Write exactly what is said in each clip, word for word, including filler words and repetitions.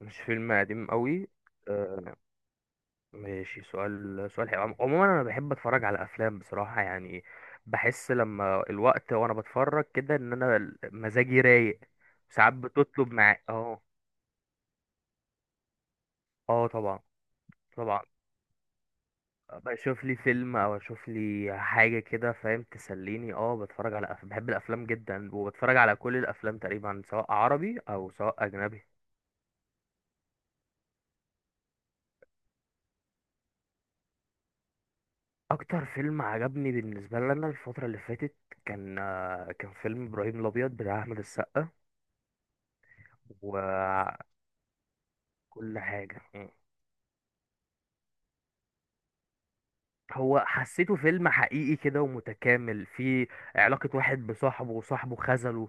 مش فيلم قديم قوي. آه، ماشي. سؤال سؤال حلو. عم- عموما انا بحب اتفرج على افلام بصراحة يعني بحس لما الوقت وانا بتفرج كده ان انا ال- مزاجي رايق. ساعات بتطلب معايا اه. اه طبعا. طبعا بشوف لي فيلم او اشوف لي حاجة كده فاهم تسليني. اه بتفرج على أف... بحب الافلام جدا وبتفرج على كل الافلام تقريبا سواء عربي او سواء اجنبي. اكتر فيلم عجبني بالنسبه لي انا الفتره اللي فاتت كان آه، كان فيلم ابراهيم الابيض بتاع احمد السقا. وكل حاجه مم. هو حسيته فيلم حقيقي كده ومتكامل. فيه علاقه واحد بصاحبه وصاحبه خذله.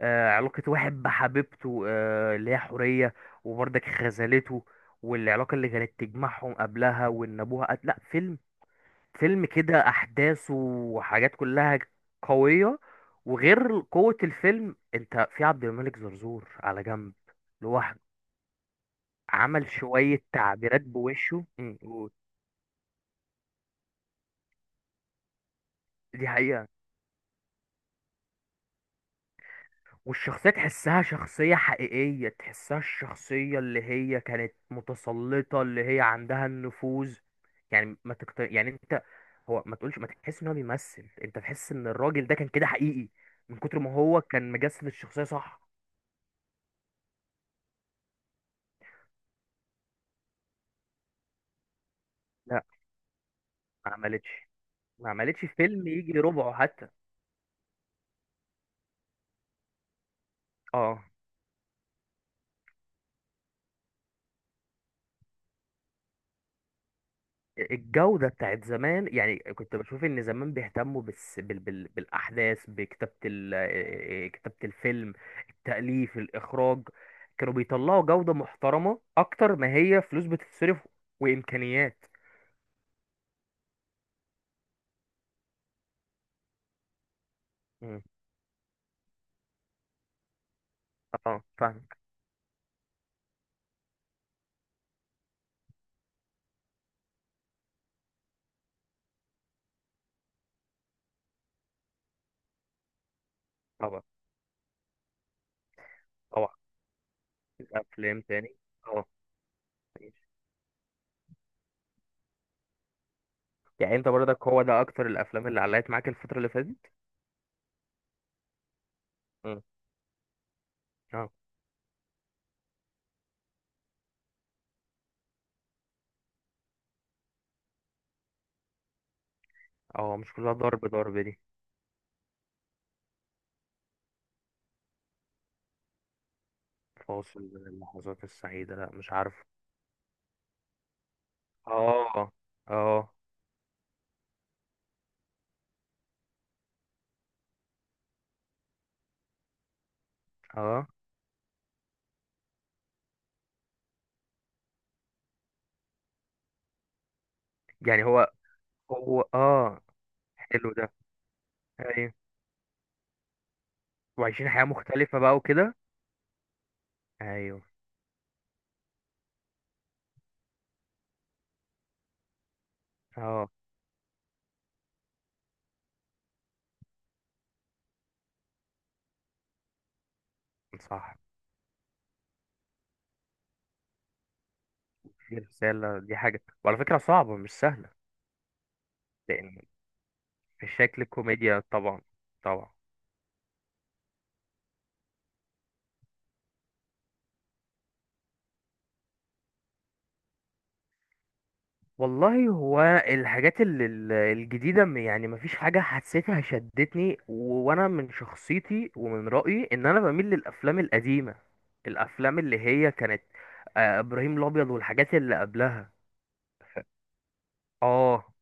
آه، علاقه واحد بحبيبته، آه، اللي هي حوريه، وبرضك خذلته، والعلاقه اللي كانت تجمعهم قبلها وان ابوها قتل. لا فيلم، فيلم كده احداثه وحاجات كلها قويه. وغير قوه الفيلم، انت في عبد الملك زرزور على جنب لوحده. عمل شويه تعبيرات بوشه. مم، قول. دي حقيقه. والشخصيه تحسها شخصيه حقيقيه، تحسها الشخصيه اللي هي كانت متسلطه، اللي هي عندها النفوذ. يعني ما تكت... يعني انت، هو ما تقولش ما تحس ان هو بيمثل، انت تحس ان الراجل ده كان كده حقيقي من كتر ما هو كان مجسد الشخصيه. صح. لا، ما عملتش. ما عملتش فيلم يجي ربعه حتى. اه. الجودة بتاعت زمان يعني كنت بشوف ان زمان بيهتموا بس بال بال بالاحداث، بكتابة ال- آه، آه، كتابة الفيلم، التأليف، الاخراج. كانوا بيطلعوا جودة محترمة اكتر ما هي فلوس بتتصرف وامكانيات. مم. اه فاهمك. طبعا. طبعا. افلام تاني؟ اه ماشي. يعني انت برضك هو ده اكتر الافلام اللي علقت معاك الفترة اللي فاتت؟ مم. اه. اه مش كلها ضرب ضرب دي. فاصل من اللحظات السعيدة، لا مش عارفه. اه. اه. اه. يعني هو هو. اه حلو ده. ايوه، وعايشين حياة مختلفة بقى وكده. ايوه. اه. صح. دي رسالة، دي حاجة وعلى فكرة صعبة، مش سهلة. لأن في شكل الكوميديا طبعا. طبعا. والله هو الحاجات ال- ال- الجديدة، م- يعني مفيش حاجة حسيتها شدتني و- وأنا من شخصيتي ومن رأيي إن أنا بميل للأفلام القديمة، الأفلام اللي هي كانت آه، إبراهيم الأبيض والحاجات اللي قبلها. آه.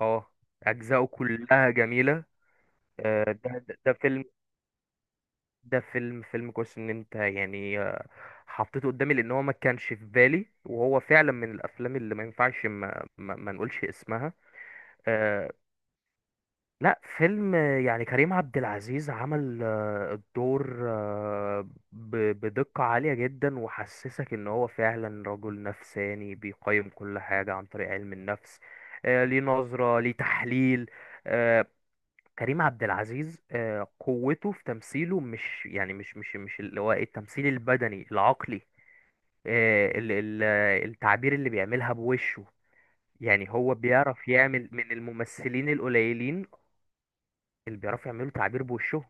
آه. أجزاؤه كلها جميلة. آه، ده ده ده فيلم، ده فيلم فيلم كويس. إن أنت يعني آه، حطيته قدامي لأن هو ما كانش في بالي، وهو فعلا من الأفلام اللي ما ينفعش ما, ما, ما نقولش اسمها. آه، لا فيلم، يعني كريم عبد العزيز عمل آه، الدور آه، ب- بدقة عالية جدا، وحسسك ان هو فعلا رجل نفساني بيقيم كل حاجة عن طريق علم النفس. آه، ليه نظرة، ليه تحليل. آه، كريم عبد العزيز آه، قوته في تمثيله، مش يعني مش مش مش اللي هو التمثيل البدني، العقلي، آه، ال- ال- التعبير اللي بيعملها بوشه. يعني هو بيعرف يعمل، من الممثلين القليلين اللي بيعرفوا يعملوا تعبير بوشهم.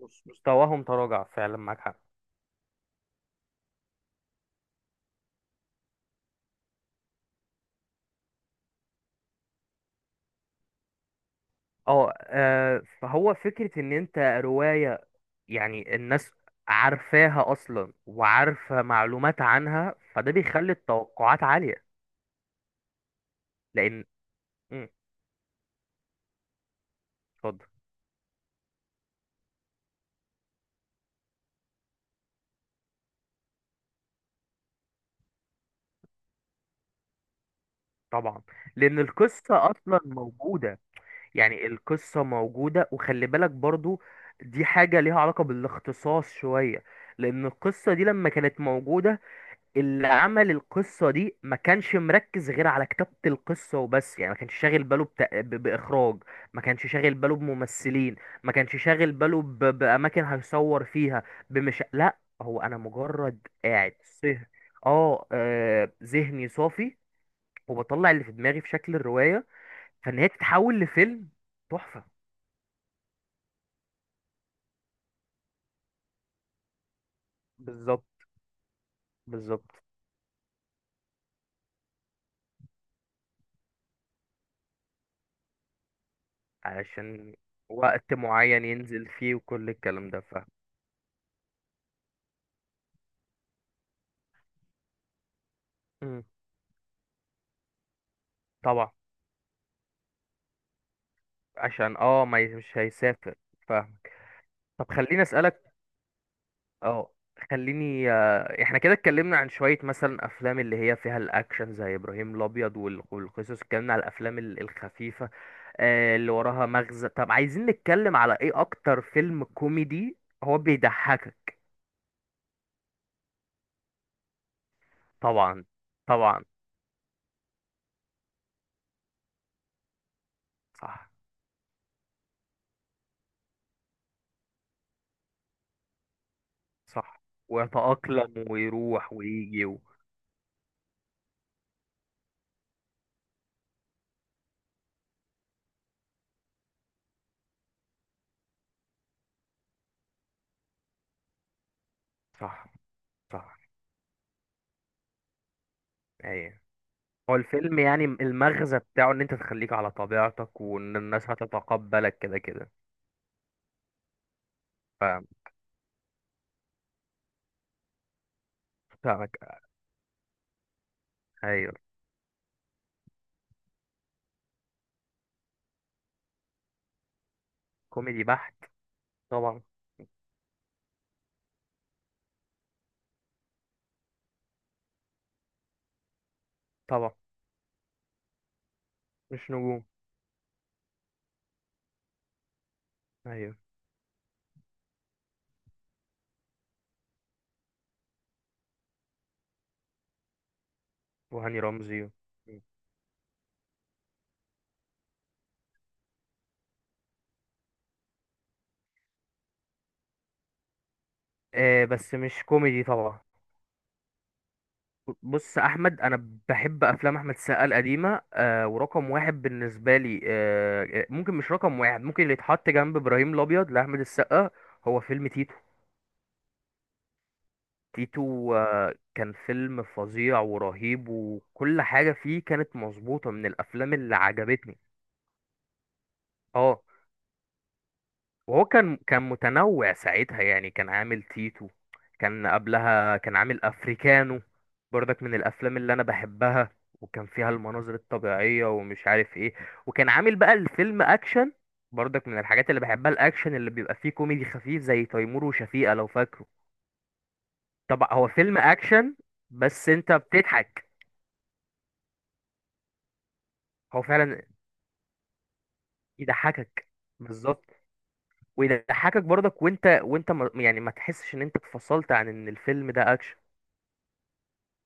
بص، مستواهم تراجع فعلا، معاك حق. اه. آه، فهو فكرة ان انت رواية، يعني الناس عارفاها اصلا وعارفة معلومات عنها، فده بيخلي التوقعات عالية. لان، مم، اتفضل. طبعا. لان القصة اصلا موجودة. يعني القصة موجودة، وخلي بالك برضو دي حاجة ليها علاقة بالاختصاص شوية. لان القصة دي لما كانت موجودة، اللي عمل القصة دي ما كانش مركز غير على كتابة القصة وبس. يعني ما كانش شاغل باله بتا... ب... بإخراج، ما كانش شاغل باله بممثلين، ما كانش شاغل باله ب... بأماكن هيصور فيها. بمش، لا هو أنا مجرد قاعد. صه. اه، آه، ذهني صافي وبطلع اللي في دماغي في شكل الرواية، فإن هي تتحول لفيلم تحفة. بالظبط. بالظبط. علشان وقت معين ينزل فيه وكل الكلام ده، فاهم. مم. طبعا. عشان اه ما ي- مش هيسافر. فاهمك. طب خليني اسالك. اه. خليني آه، احنا كده اتكلمنا عن شويه مثلا افلام اللي هي فيها الاكشن زي ابراهيم الابيض وال- والقصص، اتكلمنا على الافلام ال- الخفيفه آه، اللي وراها مغزى. طب عايزين نتكلم على ايه اكتر فيلم كوميدي، هو بيضحكك. طبعا. طبعا. صح. صح. ويتأقلم ويروح ويجي و... صح. صح. ايوه. هو الفيلم يعني المغزى بتاعه ان انت تخليك على طبيعتك، وان الناس هتتقبلك كده كده. ف- فاهمك. ايوه. كوميدي بحت. طبعا. طبعا. مش نجوم. ايوه. وهاني رمزي. آه بس مش كوميدي طبعا. بص احمد، انا بحب افلام احمد السقا القديمه. آه، ورقم واحد بالنسبه لي، آه ممكن مش رقم واحد، ممكن اللي يتحط جنب ابراهيم الابيض لاحمد السقا هو فيلم تيتو. تيتو آه، كان فيلم فظيع ورهيب، وكل حاجة فيه كانت مظبوطة، من الأفلام اللي عجبتني. اه. وهو كان كان متنوع ساعتها. يعني كان عامل تيتو، كان قبلها كان عامل أفريكانو، برضك من الأفلام اللي أنا بحبها. وكان فيها المناظر الطبيعية ومش عارف ايه، وكان عامل بقى الفيلم أكشن، برضك من الحاجات اللي بحبها الأكشن اللي بيبقى فيه كوميدي خفيف، زي تيمور وشفيقة لو فاكره. طبعا هو فيلم أكشن بس انت بتضحك. هو فعلا يضحكك. بالظبط. ويضحكك برضك، وانت وانت ما يعني ما تحسش ان انت اتفصلت عن ان الفيلم ده اكشن.